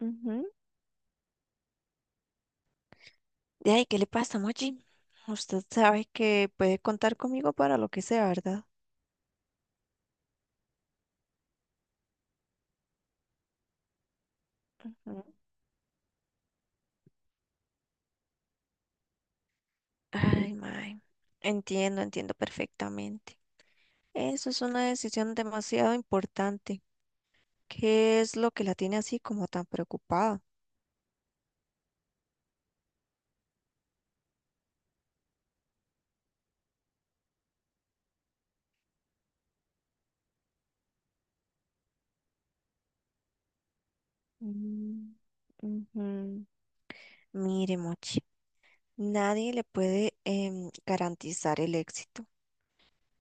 Ujú. De ahí, ¿qué le pasa, Mochi? Usted sabe que puede contar conmigo para lo que sea, ¿verdad? Ujú. Ay, mae. Entiendo, entiendo perfectamente. Eso es una decisión demasiado importante. ¿Qué es lo que la tiene así como tan preocupada? Mm, ujú. Mire, Mochi, nadie le puede garantizar el éxito,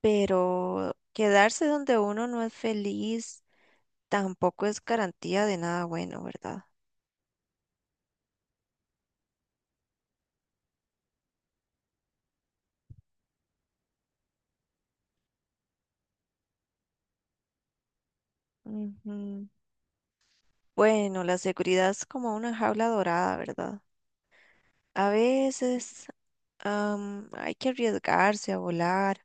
pero quedarse donde uno no es feliz tampoco es garantía de nada bueno, ¿verdad? Ujú. Bueno, la seguridad es como una jaula dorada, ¿verdad? A veces hay que arriesgarse a volar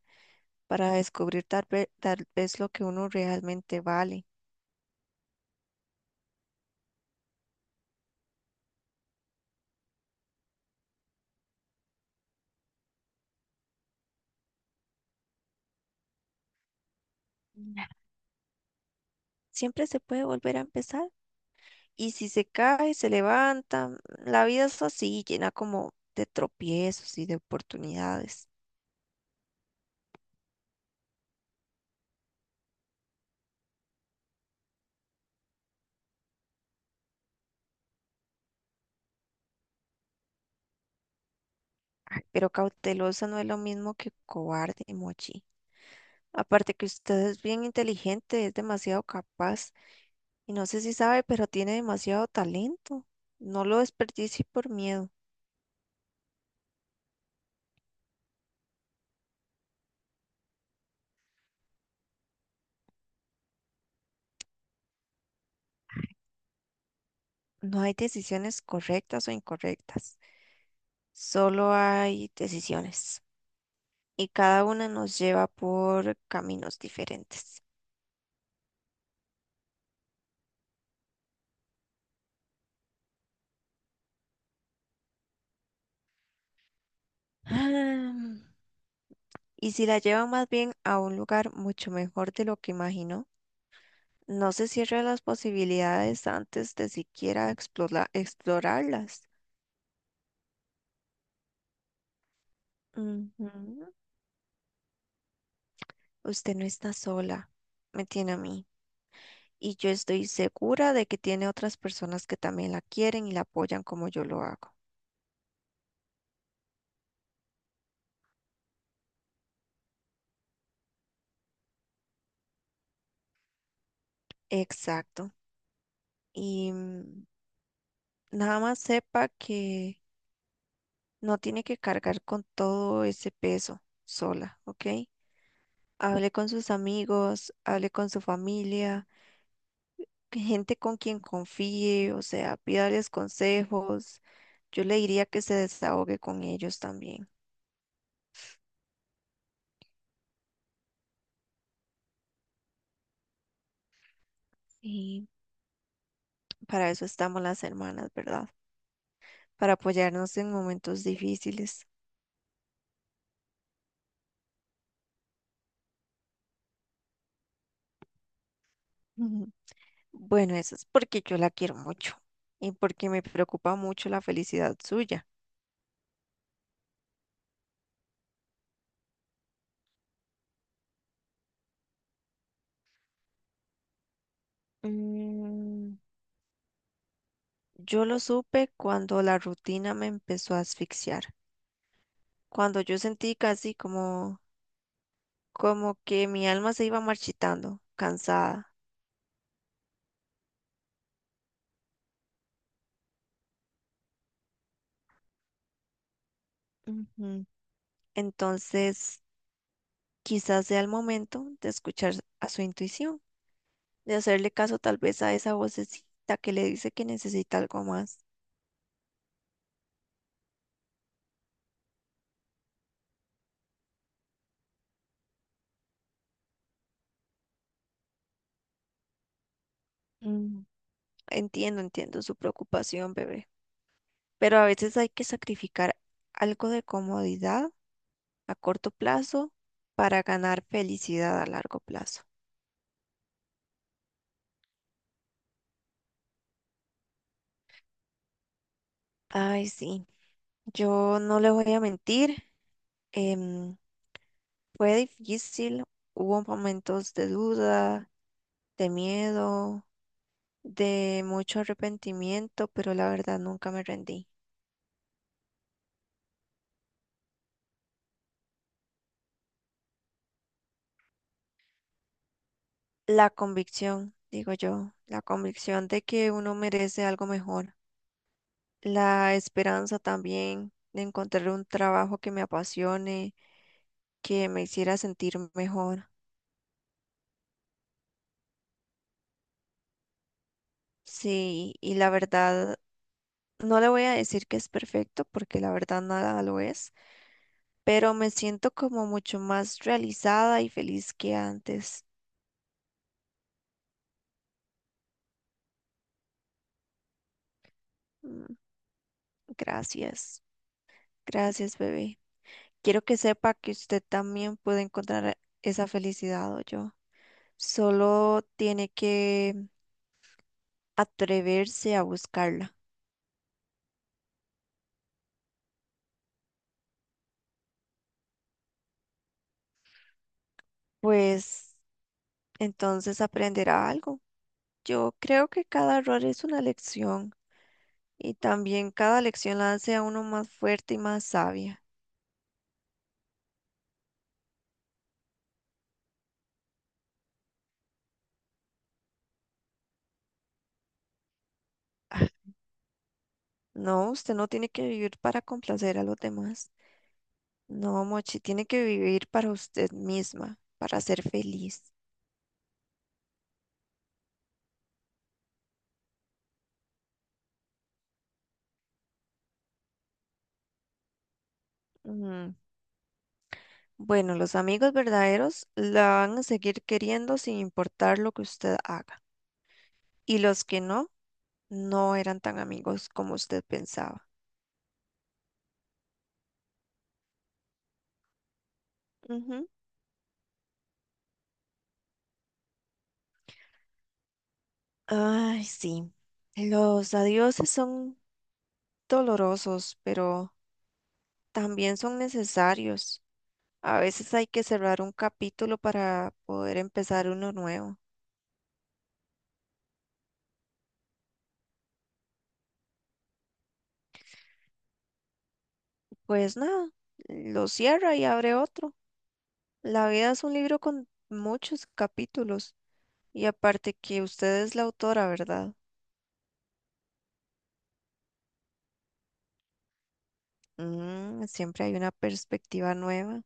para descubrir tal vez lo que uno realmente vale. Siempre se puede volver a empezar. Y si se cae, se levanta. La vida es así, llena como de tropiezos y de oportunidades. Ay, pero cautelosa no es lo mismo que cobarde, Mochi. Aparte que usted es bien inteligente, es demasiado capaz. Y no sé si sabe, pero tiene demasiado talento. No lo desperdicie por miedo. No hay decisiones correctas o incorrectas. Solo hay decisiones. Y cada una nos lleva por caminos diferentes. Ah, y si la lleva más bien a un lugar mucho mejor de lo que imaginó, no se cierre a las posibilidades antes de siquiera explorarlas. Ujú. Usted no está sola. Me tiene a mí. Y yo estoy segura de que tiene otras personas que también la quieren y la apoyan como yo lo hago. Exacto. Y nada más sepa que no tiene que cargar con todo ese peso sola, ¿ok? Hable con sus amigos, hable con su familia, que gente con quien confíe, o sea, pídales consejos. Yo le diría que se desahogue con ellos también. Y para eso estamos las hermanas, ¿verdad? Para apoyarnos en momentos difíciles. Bueno, eso es porque yo la quiero mucho y porque me preocupa mucho la felicidad suya. Mm, yo lo supe cuando la rutina me empezó a asfixiar, cuando yo sentí casi como, como que mi alma se iba marchitando, cansada. Ujú. Entonces, quizás sea el momento de escuchar a su intuición, de hacerle caso tal vez a esa vocecita que le dice que necesita algo más. Mm, entiendo, entiendo su preocupación, bebé. Pero a veces hay que sacrificar algo de comodidad a corto plazo para ganar felicidad a largo plazo. Ay, sí, yo no le voy a mentir, em, fue difícil, hubo momentos de duda, de miedo, de mucho arrepentimiento, pero la verdad nunca me rendí. La convicción, digo yo, la convicción de que uno merece algo mejor, la esperanza también de encontrar un trabajo que me apasione que me hiciera sentir mejor. Sí, y la verdad, no le voy a decir que es perfecto porque la verdad nada lo es, pero me siento como mucho más realizada y feliz que antes. Mm, gracias, gracias, bebé. Quiero que sepa que usted también puede encontrar esa felicidad o yo. Solo tiene que atreverse a buscarla, pues entonces aprenderá algo. Yo creo que cada error es una lección. Y también cada lección la hace a uno más fuerte y más sabia. No, usted no tiene que vivir para complacer a los demás. No, Mochi, tiene que vivir para usted misma, para ser feliz. Ujú. Bueno, los amigos verdaderos la van a seguir queriendo sin importar lo que usted haga. Y los que no, no eran tan amigos como usted pensaba. Ujú. Ay, sí. Los adioses son dolorosos, pero también son necesarios. A veces hay que cerrar un capítulo para poder empezar uno nuevo. Pues nada, lo cierra y abre otro. La vida es un libro con muchos capítulos y aparte que usted es la autora, ¿verdad? Mm, siempre hay una perspectiva nueva.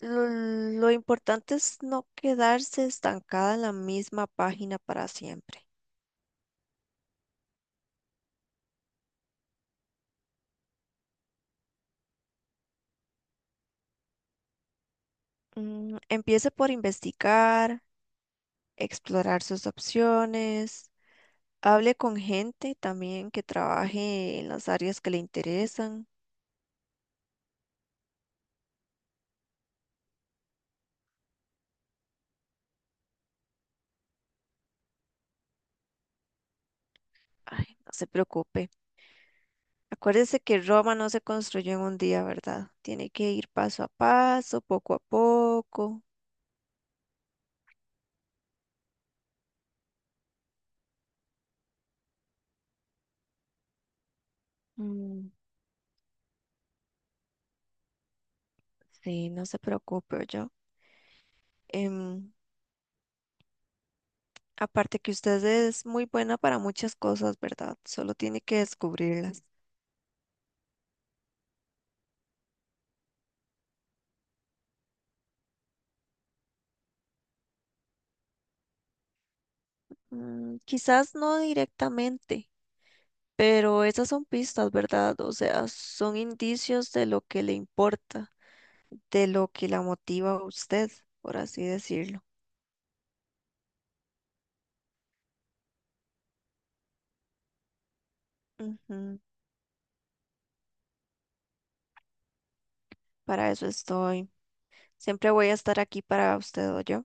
Lo importante es no quedarse estancada en la misma página para siempre. Mm, empiece por investigar, explorar sus opciones. Hable con gente también que trabaje en las áreas que le interesan. Ay, no se preocupe. Acuérdese que Roma no se construyó en un día, ¿verdad? Tiene que ir paso a paso, poco a poco. Mm, sí, no se preocupe, yo. Em, Aparte que usted es muy buena para muchas cosas, ¿verdad? Solo tiene que descubrirlas. Mm, quizás no directamente, pero esas son pistas, ¿verdad? O sea, son indicios de lo que le importa, de lo que la motiva a usted, por así decirlo. Ujú, para eso estoy. Siempre voy a estar aquí para usted o yo.